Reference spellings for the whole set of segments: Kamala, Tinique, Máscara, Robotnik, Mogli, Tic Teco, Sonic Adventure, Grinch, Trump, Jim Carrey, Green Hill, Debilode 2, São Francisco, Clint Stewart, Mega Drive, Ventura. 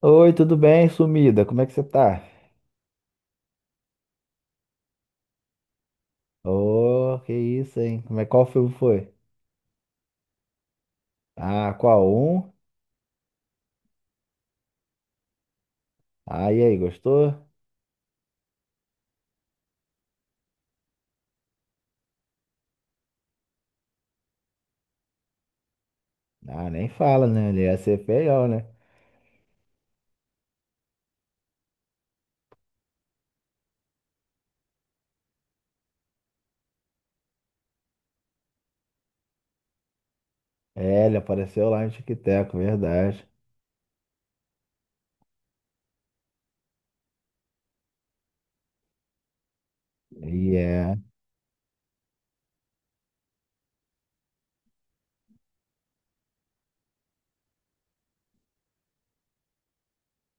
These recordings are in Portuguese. Oi, tudo bem, sumida? Como é que você tá? Ô, que isso, hein? Como é, qual filme foi? Ah, qual um? Ah, e aí, gostou? Ah, nem fala, né? Ele ia ser feião, né? É, ele apareceu lá no Tic Teco, verdade. E é,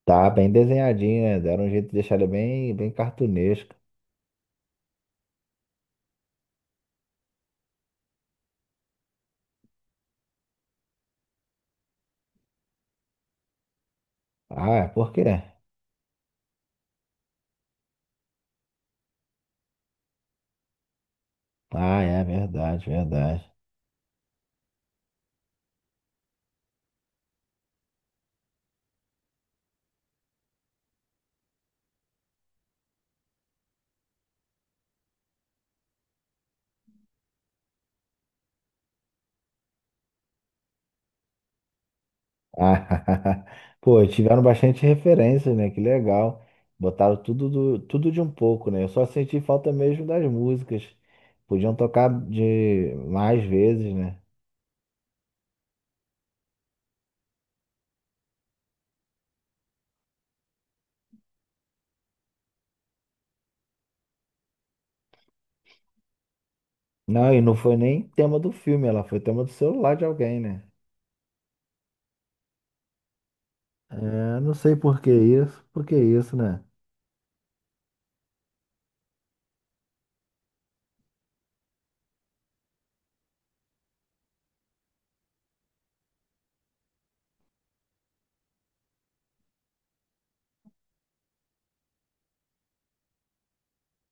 tá bem desenhadinho, né? Deram um jeito de deixar ele bem cartunesco. Ah, por quê? Ah, é verdade, verdade. Ah, pô, tiveram bastante referências, né? Que legal. Botaram tudo, tudo de um pouco, né? Eu só senti falta mesmo das músicas. Podiam tocar de mais vezes, né? Não, e não foi nem tema do filme, ela foi tema do celular de alguém, né? É, não sei por que isso, né?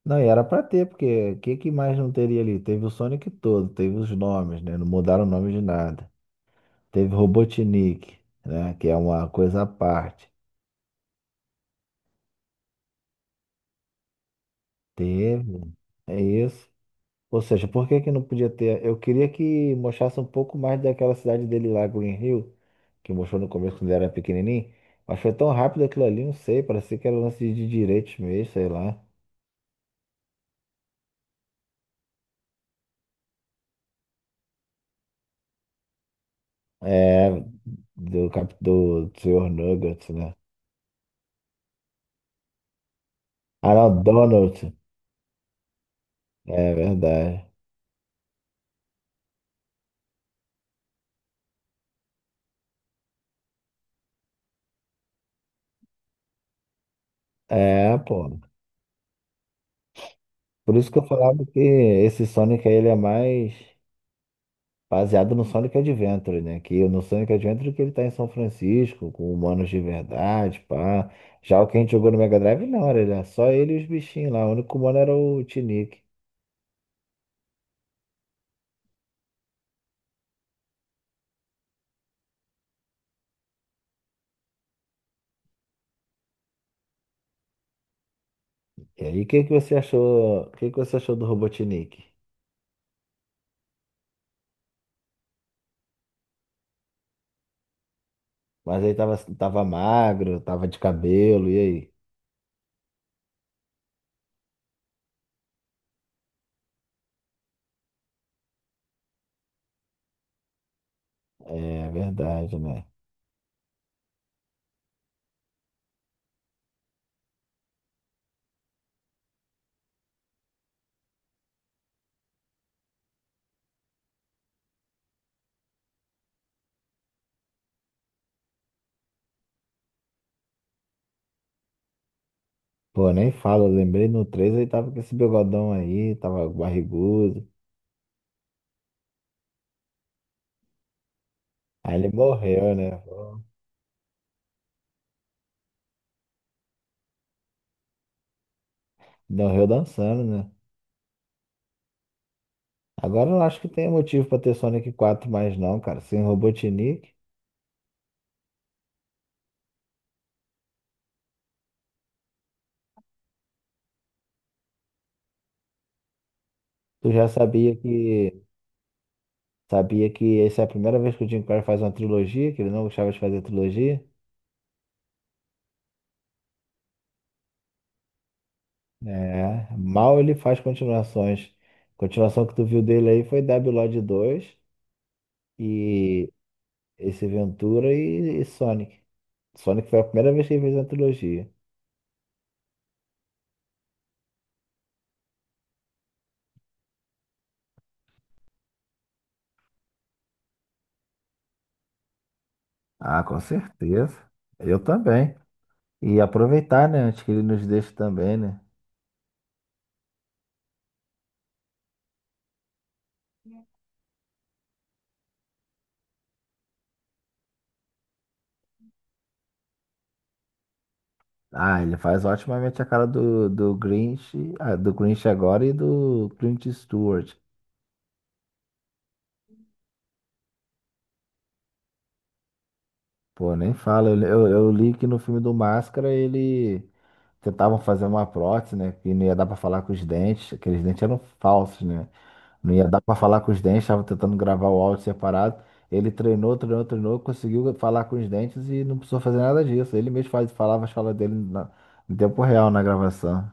Não, e era pra ter, porque que mais não teria ali? Teve o Sonic todo, teve os nomes, né? Não mudaram o nome de nada. Teve Robotnik, né? Que é uma coisa à parte. Teve. É isso. Ou seja, por que que não podia ter? Eu queria que mostrasse um pouco mais daquela cidade dele lá, Green Hill, que mostrou no começo quando ele era pequenininho. Mas foi tão rápido aquilo ali, não sei. Parecia que era lance de direitos mesmo, sei lá. É, do Sr. Nuggets, né? Ah, não, Donald. É verdade. É, pô. Por isso que eu falava que esse Sonic aí, ele é mais baseado no Sonic Adventure, né? Que no Sonic Adventure que ele tá em São Francisco, com humanos de verdade, pá. Já o que a gente jogou no Mega Drive, não, era só ele e os bichinhos lá. O único humano era o Tinique. E aí, o que que você achou? O que que você achou do Robotnik? Mas aí tava magro, tava de cabelo, e aí? É verdade, né? Pô, nem falo, eu lembrei no 3 ele tava com esse bigodão aí, tava barrigudo. Aí ele morreu, né? Pô, morreu dançando, né? Agora eu não acho que tenha motivo pra ter Sonic 4 mais não, cara. Sem Robotnik, tu já sabia que essa é a primeira vez que o Jim Carrey faz uma trilogia, que ele não gostava de fazer trilogia. É, mal ele faz continuações. A continuação que tu viu dele aí foi Debilode 2 e esse Ventura e Sonic. Sonic foi a primeira vez que ele fez uma trilogia. Ah, com certeza. Eu também. E aproveitar, né? Antes que ele nos deixe também, né? Ah, ele faz otimamente a cara do Grinch, ah, do Grinch agora e do Clint Stewart. Pô, nem fala. Eu li que no filme do Máscara ele tentavam fazer uma prótese, né? Que não ia dar pra falar com os dentes. Aqueles dentes eram falsos, né? Não ia dar pra falar com os dentes, tava tentando gravar o áudio separado. Ele treinou, treinou, treinou, conseguiu falar com os dentes e não precisou fazer nada disso. Falava as falas dele no tempo real na gravação.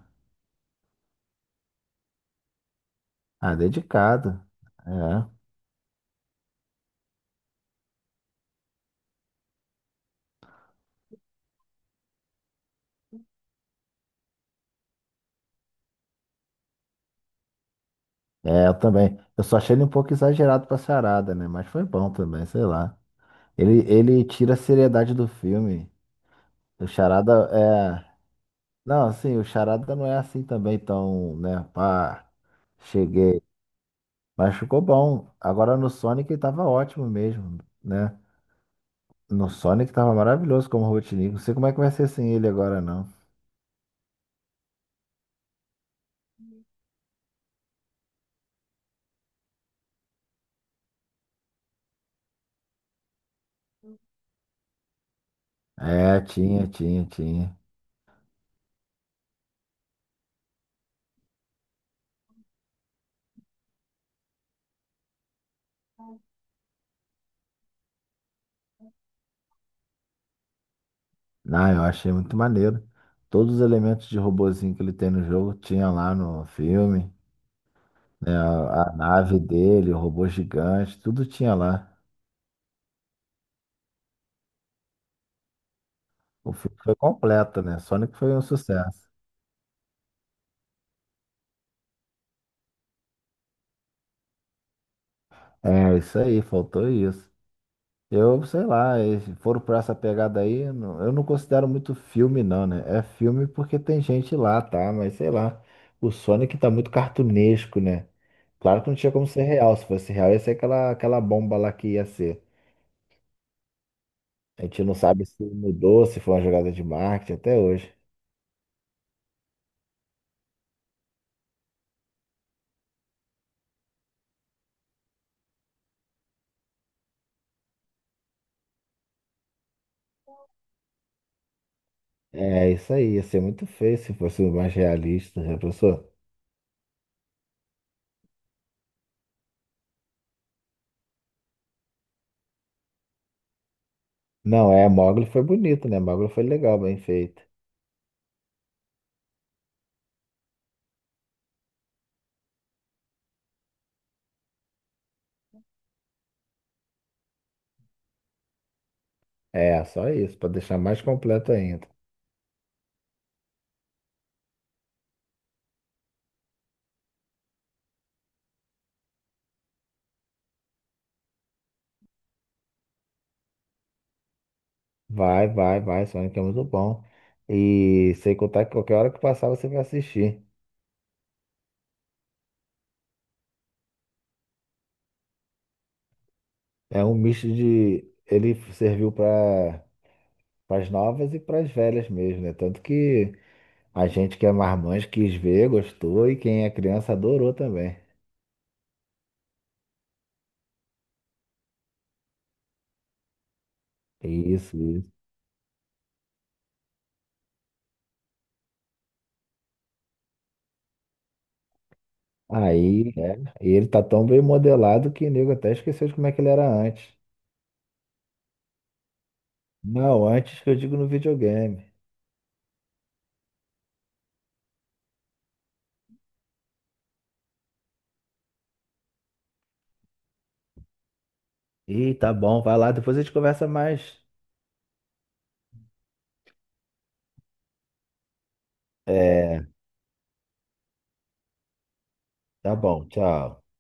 Ah, dedicado. É. É, eu também. Eu só achei ele um pouco exagerado pra charada, né? Mas foi bom também, sei lá. Ele tira a seriedade do filme. O charada é. Não, assim, o charada não é assim também tão, né? Pá, cheguei. Mas ficou bom. Agora no Sonic ele tava ótimo mesmo, né? No Sonic tava maravilhoso como Robotnik. Não sei como é que vai ser sem ele agora, não. É, tinha, tinha, tinha. Não, eu achei muito maneiro. Todos os elementos de robozinho que ele tem no jogo tinha lá no filme, né? A nave dele, o robô gigante, tudo tinha lá. O filme foi completo, né? Sonic foi um sucesso. É, isso aí, faltou isso. Eu, sei lá, eles foram pra essa pegada aí, não, eu não considero muito filme, não, né? É filme porque tem gente lá, tá? Mas sei lá, o Sonic tá muito cartunesco, né? Claro que não tinha como ser real. Se fosse real, ia ser aquela bomba lá que ia ser. A gente não sabe se mudou, se foi uma jogada de marketing até hoje. É isso aí, ia ser muito feio se fosse mais realista, já pensou? Não, é, Mogli foi bonito, né? Mogli foi legal, bem feito. É, só isso, para deixar mais completo ainda. Sonic é muito bom. E sem contar que qualquer hora que passar você vai assistir. É um misto de. Ele serviu para as novas e para as velhas mesmo, né? Tanto que a gente que é marmanjo quis ver, gostou, e quem é criança adorou também. Isso. Aí, é, e ele tá tão bem modelado que o nego até esqueceu de como é que ele era antes. Não, antes que eu digo no videogame. Ih, tá bom, vai lá, depois a gente conversa mais. É, tá bom, tchau.